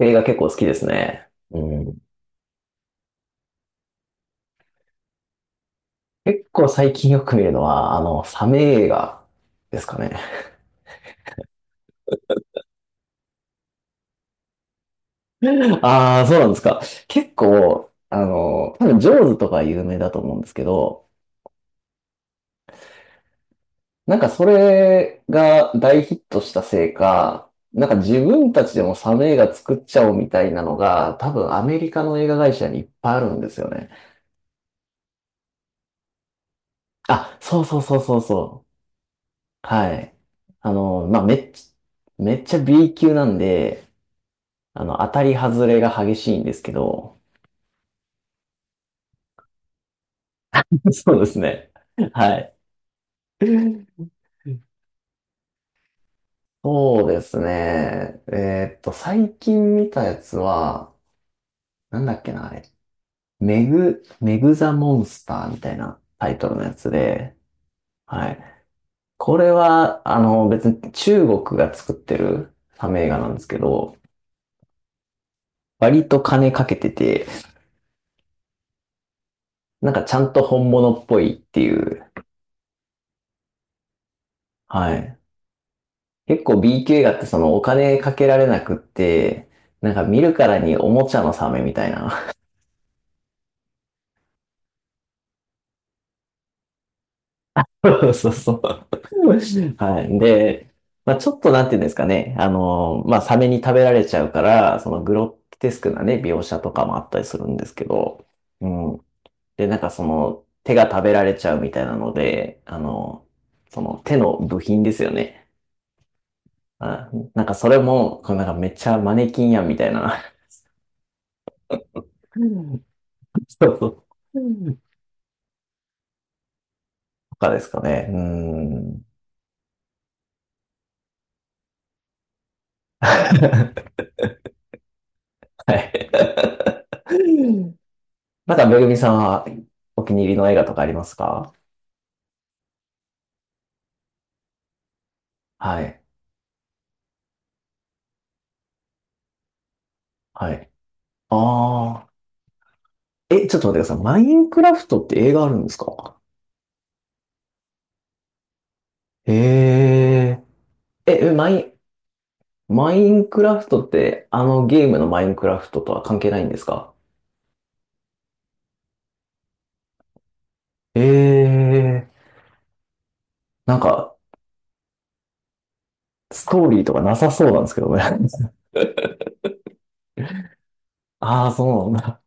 映画結構好きですね。うん。結構最近よく見るのは、サメ映画ですかね。ああ、そうなんですか。結構、多分、ジョーズとか有名だと思うんですけど、なんかそれが大ヒットしたせいか、なんか自分たちでもサメ映画作っちゃおうみたいなのが、多分アメリカの映画会社にいっぱいあるんですよね。あ、そうそうそうそうそう。はい。まあ、めっちゃ B 級なんで、当たり外れが激しいんですけど、そうですね。はい。そうですね。最近見たやつは、なんだっけな、あれ。メグザモンスターみたいなタイトルのやつで、はい。これは、別に中国が作ってるサメ映画なんですけど、割と金かけてて、なんかちゃんと本物っぽいっていう、はい。結構 BQ 画ってそのお金かけられなくって、なんか見るからにおもちゃのサメみたいな。そうそう。はい。で、まあちょっとなんていうんですかね。まあサメに食べられちゃうから、そのグロテスクなね、描写とかもあったりするんですけど、うん。で、なんかその手が食べられちゃうみたいなので、その手の部品ですよね。あ、なんかそれも、こうなんかめっちゃマネキンやんみたいな。そうそう。かですかね。うーん。はい。なんか、めぐみさんはお気に入りの映画とかありますか？はい。はい。ああ。え、ちょっと待ってください。マインクラフトって映画あるんですか？へえ。え、マインクラフトって、あのゲームのマインクラフトとは関係ないんですか？ええ。なんか、ストーリーとかなさそうなんですけどね。ああ、そうなんだ。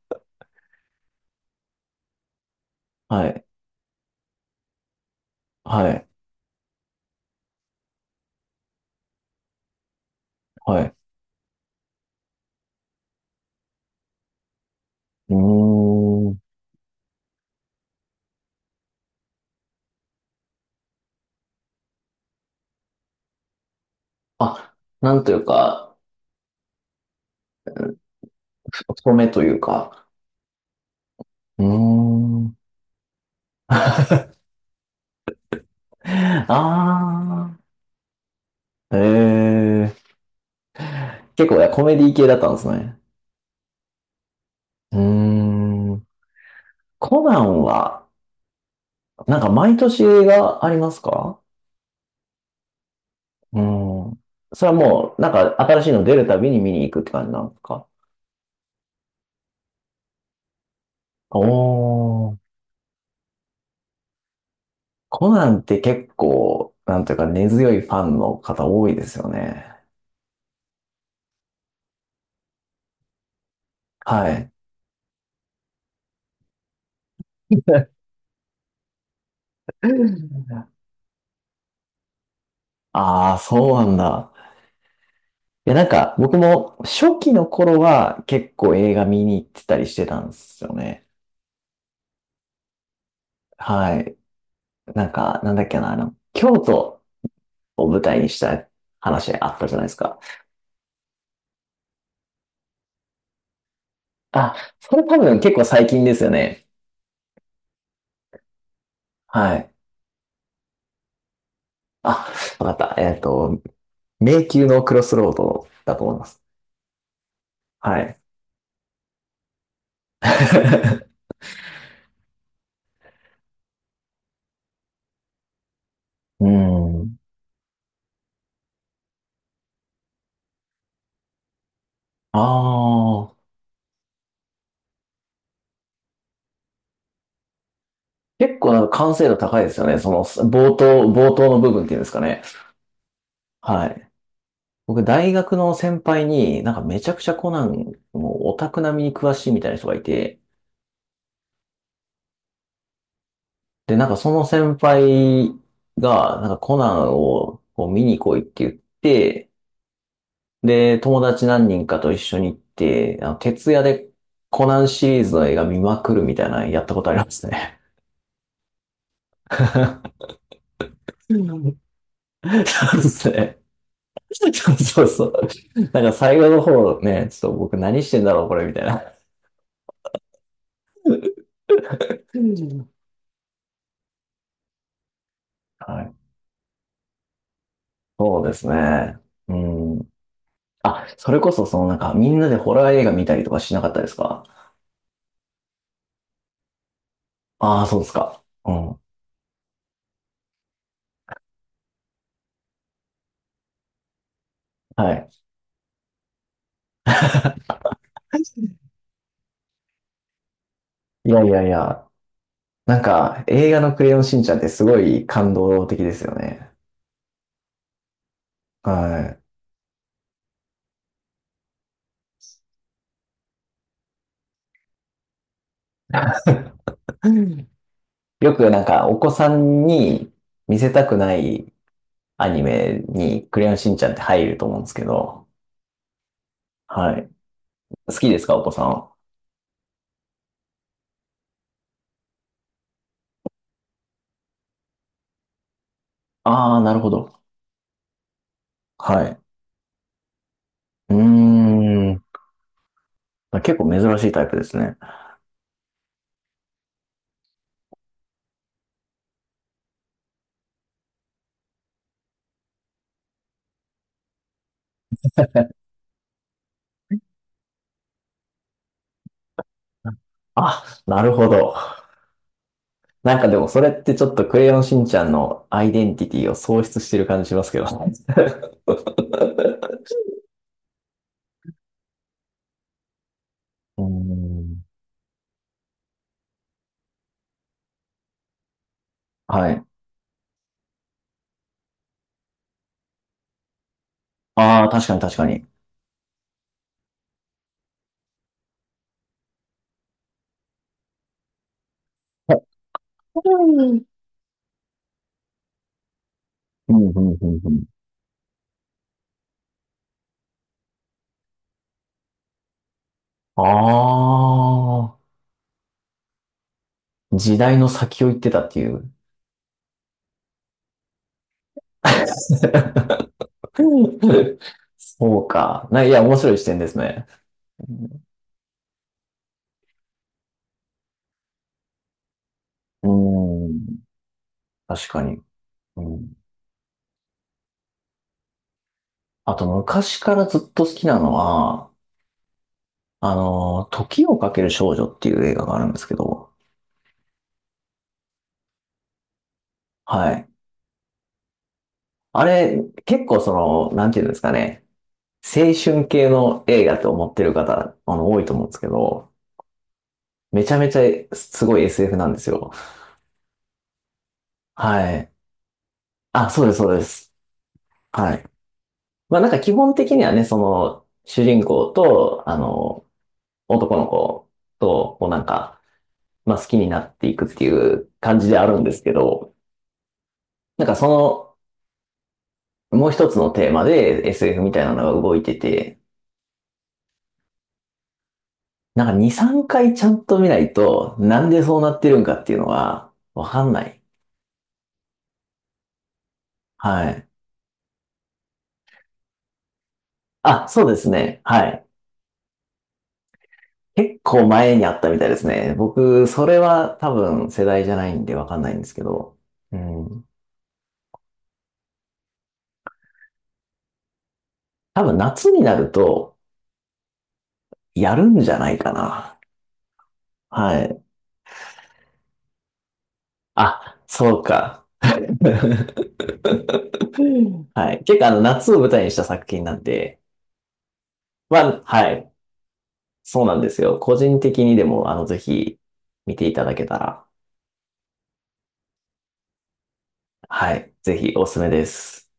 はい。はい。はい。うーん。あ、なんというか、ふ太めというか。うーん。ああ。ええ、結構ね、コメディ系だったんですね。うーん。コナンは、なんか毎年映画ありますか？うん。それはもう、なんか新しいの出るたびに見に行くって感じなんですか？おー。コナンって結構、なんというか根強いファンの方多いですよね。はい。ああ、そうなんだ。いや、なんか、僕も初期の頃は結構映画見に行ってたりしてたんですよね。はい。なんか、なんだっけな、あの、京都を舞台にした話あったじゃないですか。あ、それ多分結構最近ですよね。はい。あ、わかった。迷宮のクロスロードだと思います。はい。うん。ああ。結構なんか完成度高いですよね。その、冒頭の部分っていうんですかね。はい。僕、大学の先輩に、なんかめちゃくちゃコナン、もうオタク並みに詳しいみたいな人がいて、で、なんかその先輩が、なんかコナンをこう見に来いって言って、で、友達何人かと一緒に行って、徹夜でコナンシリーズの映画見まくるみたいなのやったことありますね。そうですね。そうそうそう。なんか最後の方ね、ちょっと僕何してんだろう、これみたいな。うん。はい。そうですね。うん。あ、それこそ、そのなんか、みんなでホラー映画見たりとかしなかったですか？ああー、そうですか。うん。はい。いやいやいや、なんか、映画のクレヨンしんちゃんってすごい感動的ですよね。はい。よくなんか、お子さんに見せたくないアニメにクレヨンしんちゃんって入ると思うんですけど、はい。好きですか、お子さんは。ああ、なるほど。はい。うーん。結構珍しいタイプですね。あ、なるほど。なんかでもそれってちょっとクレヨンしんちゃんのアイデンティティを喪失してる感じしますけどね。うーん。はい。ああ、確かに確かに。はい。うんうんうんうんうん。ああ、時代の先を行ってたっていう。うん。そうか。いや、面白い視点ですね。うん、うん。確かに。うん。あと、昔からずっと好きなのは、時をかける少女っていう映画があるんですけど、はい。あれ、結構その、なんていうんですかね、青春系の映画と思ってる方、多いと思うんですけど、めちゃめちゃすごい SF なんですよ。はい。あ、そうです、そうです。はい。まあなんか基本的にはね、その、主人公と、男の子と、こうなんか、まあ好きになっていくっていう感じであるんですけど、なんかその、もう一つのテーマで SF みたいなのが動いてて、なんか2、3回ちゃんと見ないと、なんでそうなってるんかっていうのは、わかんない。はい。あ、そうです、ね。はい。結構前にあったみたいですね。僕、それは多分世代じゃないんでわかんないんですけど、うん。多分夏になると、やるんじゃないかな。はい。あ、そうか。はい。結構あの、夏を舞台にした作品なんで、まあ、はい。そうなんですよ。個人的にでも、ぜひ見ていただけたら。はい。ぜひおすすめです。